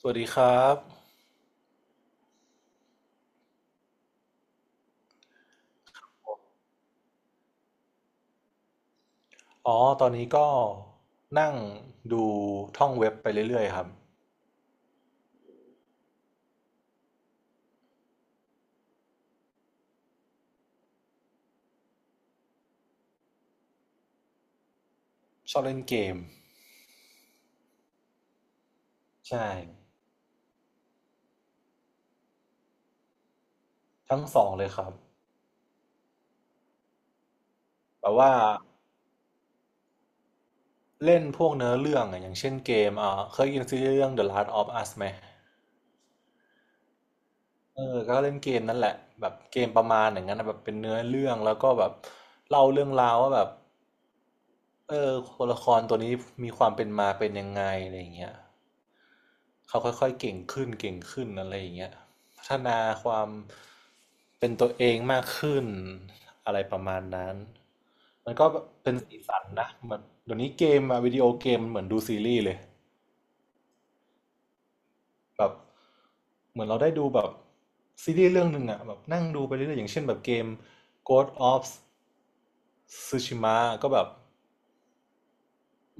สวัสดีครับอ๋อตอนนี้ก็นั่งดูท่องเว็บไปเรื่อยๆครับชอบเล่นเกมใช่ทั้งสองเลยครับแบบว่าเล่นพวกเนื้อเรื่องอะอย่างเช่นเกมอ่าเคยยินซีรีส์เรื่อง The Last of Us ไหมเออก็เล่นเกมนั่นแหละแบบเกมประมาณอย่างนั้นนะแบบเป็นเนื้อเรื่องแล้วก็แบบเล่าเรื่องราวว่าแบบเออตัวละครตัวนี้มีความเป็นมาเป็นยังไงอะไรอย่างเงี้ย เขาค่อยๆเก่งขึ้นเก่งขึ้นอะไรอย่างเงี้ยพัฒนาความเป็นตัวเองมากขึ้นอะไรประมาณนั้น มันก็เป็นสีสันนะมันเดี๋ยวนี้เกมอะวิดีโอเกมมันเหมือนดูซีรีส์เลยแบบเหมือนเราได้ดูแบบซีรีส์เรื่องหนึ่งอะแบบนั่งดูไปเรื่อยๆอย่างเช่นแบบเกม Ghost of Tsushima ก็แบบ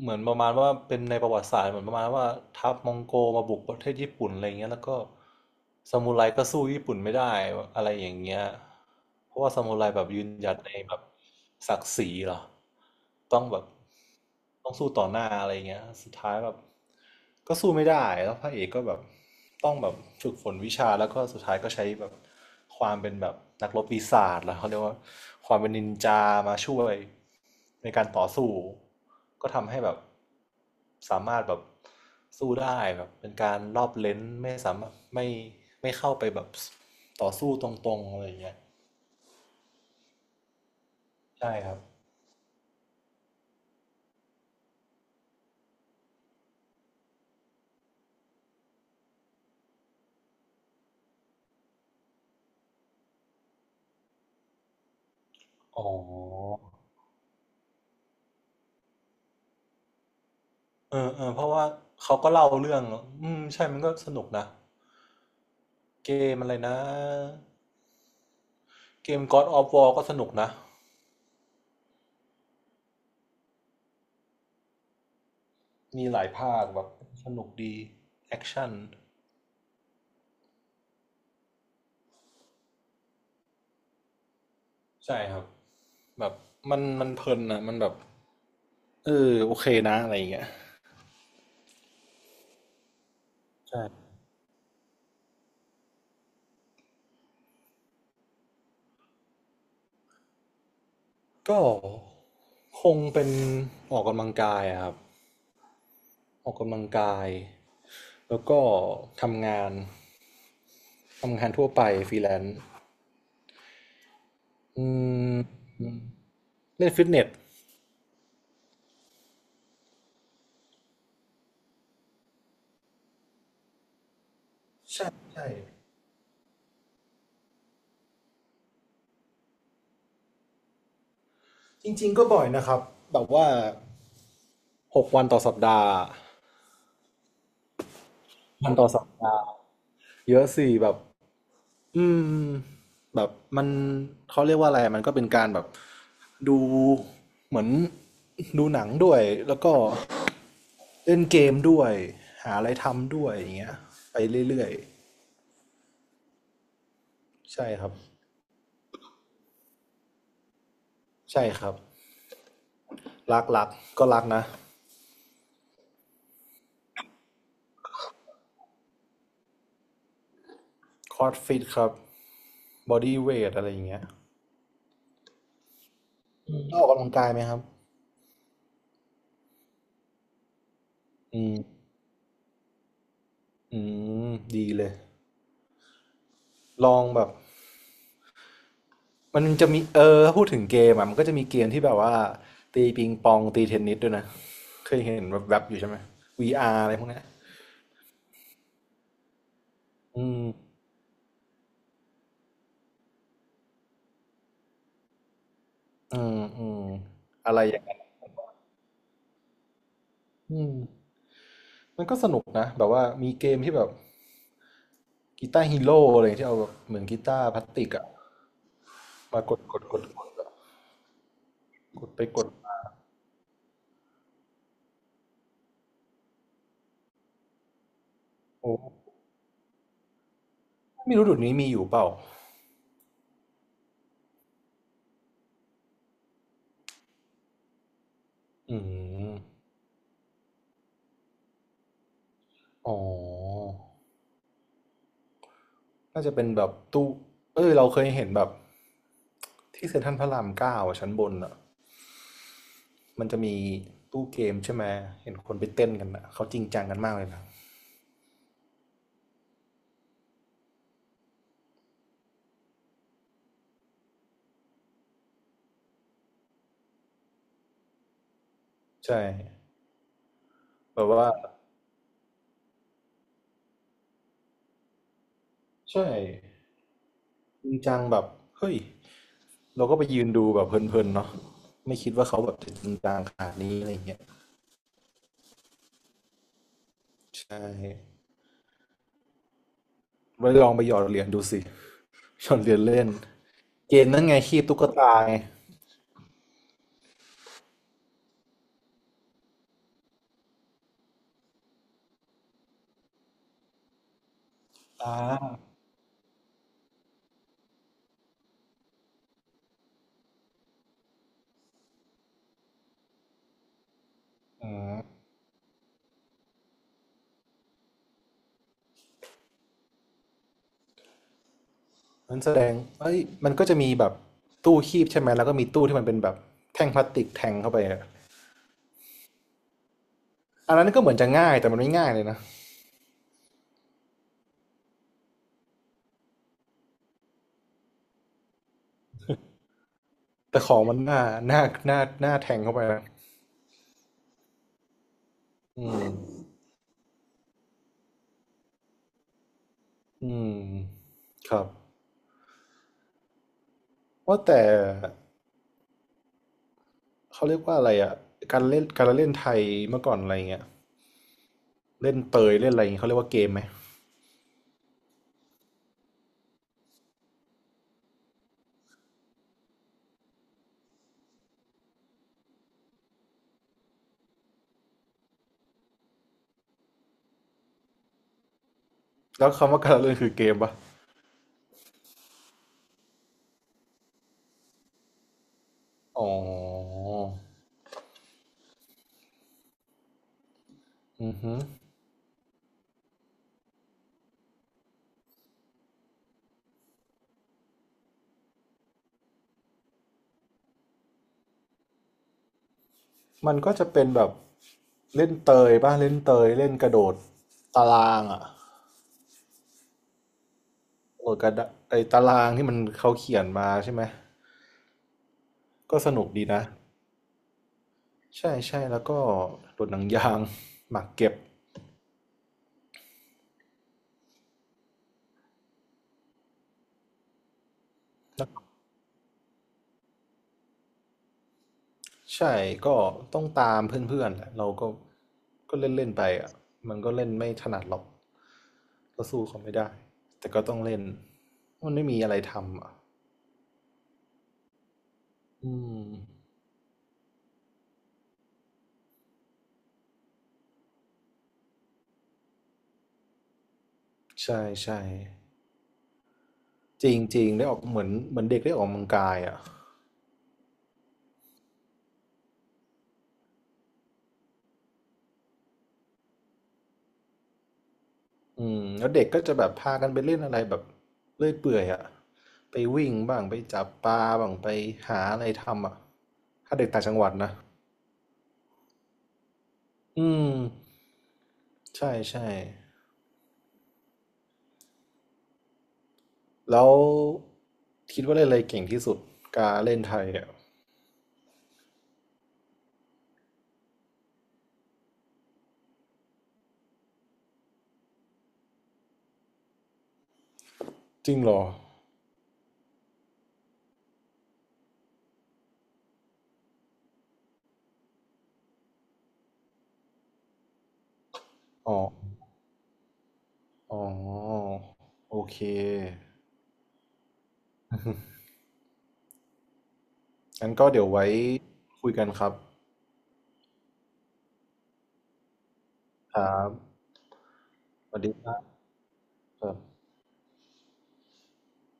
เหมือนประมาณว่าเป็นในประวัติศาสตร์เหมือนประมาณว่าทัพมองโกมาบุกประเทศญี่ปุ่นอะไรอย่างเงี้ยแล้วก็ซามูไรก็สู้ญี่ปุ่นไม่ได้อะไรอย่างเงี้ยเพราะว่าซามูไรแบบยืนหยัดในแบบศักดิ์ศรีเหรอต้องแบบต้องสู้ต่อหน้าอะไรอย่างเงี้ยสุดท้ายแบบก็สู้ไม่ได้แล้วพระเอกก็แบบต้องแบบฝึกฝนวิชาแล้วก็สุดท้ายก็ใช้แบบความเป็นแบบนักรบปีศาจแล้วเขาเรียกว่าความเป็นนินจามาช่วย ในการต่อสู้ก็ทำให้แบบสามารถแบบสู้ได้แบบเป็นการรอบเลนส์ไม่สามารถไม่เข้าไปแบบต่อสู้ตรงๆอะไรอย่างเงี้ยใช่ครับอ๋อเออเพราะว่าเขาก็เล่าเรื่องอืมใช่มันก็สนุกนะเกมอะไรนะเกม God of War ก็สนุกนะมีหลายภาคแบบสนุกดีแอคชั่นใช่ครับแบบมันเพลินนะมันแบบเออโอเคนะอะไรอย่างเงี้ยใช่ ก็คงเป็นออกกำลังกายอะครับออกกำลังกายแล้วก็ทำงานทำงานทั่วไปฟรีแลนซ์อืมเล่นฟิตเนสใช่ใช่จริงๆก็บ่อยนะครับแบบว่าหกวันต่อสัปดาห์วันต่อสัปดาห์เยอะสิแบบอืมแบบมันเขาเรียกว่าอะไรมันก็เป็นการแบบดูเหมือนดูหนังด้วยแล้วก็ เล่นเกมด้วยหาอะไรทำด้วยอย่างเงี้ยไปเรื่อยๆใช่ครับใช่ครับรักก็รักนะคอร์ดฟิตครับบอดี้เวทอะไรอย่างเงี้ยต้องออกกำลังกายไหมครับอืมอืมดีเลยลองแบบมันจะมีถ้าพูดถึงเกมอ่ะมันก็จะมีเกมที่แบบว่าตีปิงปองตีเทนนิสด้วยนะเคยเห็นแบบแบบๆอยู่ใช่ไหม VR อาร์อะไรพวกเนี้ยอืมอืมอืมอะไรอย่างเงี้ยอืมมันก็สนุกนะแบบว่ามีเกมที่แบบ กีตาร์ฮีโร่อะไรที่เอาแบบเหมือนกีตาร์พลาสติกอะมากดอะกดไปกดมาโอ้ไม่รู้เดุดนี้มีอยู่เปล่าอืมอ๋อน่าจะเป็นแบบตู้เอ้ยเราเคยเห็นแบบที่เซ็นทรัลพระรามเก้าอะชั้นบนอะมันจะมีตู้เกมใช่ไหมเห็นคนไปเต้นกันอะเขาจริงจังกันมากเลยนะใช่แบบว่าใช่จริงจังแบบเฮ้ยเราก็ไปยืนดูแบบเพลินๆเนาะไม่คิดว่าเขาแบบจะจริงจังขนาดนี้อะไรอย่างเงี้ยใช่ ไปลองไปหยอดเหรียญดูสิหยอดเหรียญเล่นเกมนั่นไงคีบตุ๊กตาไงอ่าอืมมันแสดงเอ้ยมันก็จะมีแบบตู้คีบใช่ไหมแล้วก็มีตู้ที่มันเป็นแบบแท่งพลาสติกแทงเข้าไปอะอันนั้นก็เหมือนจะง่ายแต่มันไม่ง่ายเลยนะ แต่ของมันหน้าหน้าแทงเข้าไปนะอืมอืมครับว่าแต่เขาเรียกว่าอะไรอ่ะการเล่นไทยเมื่อก่อนอะไรเงี้ยเล่นเตยเล่นอะไรเงี้ยเขาเรียกว่าเกมไหมแล้วคำว่าการเล่นคือเกมปะอ๋อ อือฮึมันก็จะเป็นแบบเล่นเตยเล่นกระโดดตารางอ่ะกระโดดกระดะไอ้ตารางที่มันเขาเขียนมาใช่ไหมก็สนุกดีนะใช่ใช่แล้วก็โดดหนังยางหมากเก็บใช่ก็ต้องตามเพื่อนๆแหละเราก็ก็เล่นเล่นไปอ่ะมันก็เล่นไม่ถนัดหรอกก็สู้เขาไม่ได้แต่ก็ต้องเล่นมันไม่มีอะไรทำอ่ะอืมใช่ใช่ จริงจริงได้ออกเหมือนเด็กได้ออกกำลังกายอ่ะอืมแล้วเด็กก็จะแบบพากันไปเล่นอะไรแบบเลื่อยเปื่อยอ่ะไปวิ่งบ้างไปจับปลาบ้างไปหาอะไรทำอ่ะถ้าเด็กต่างจังหวัดนะอืมใช่ใช่แล้วคิดว่าเล่นอะไรเก่งที่สุดการเล่นไทยอ่ะจริงเหรออ๋ออ๋อโอเค งั้นก็เดี๋ยวไว้คุยกันครับครับสวัสดีครับ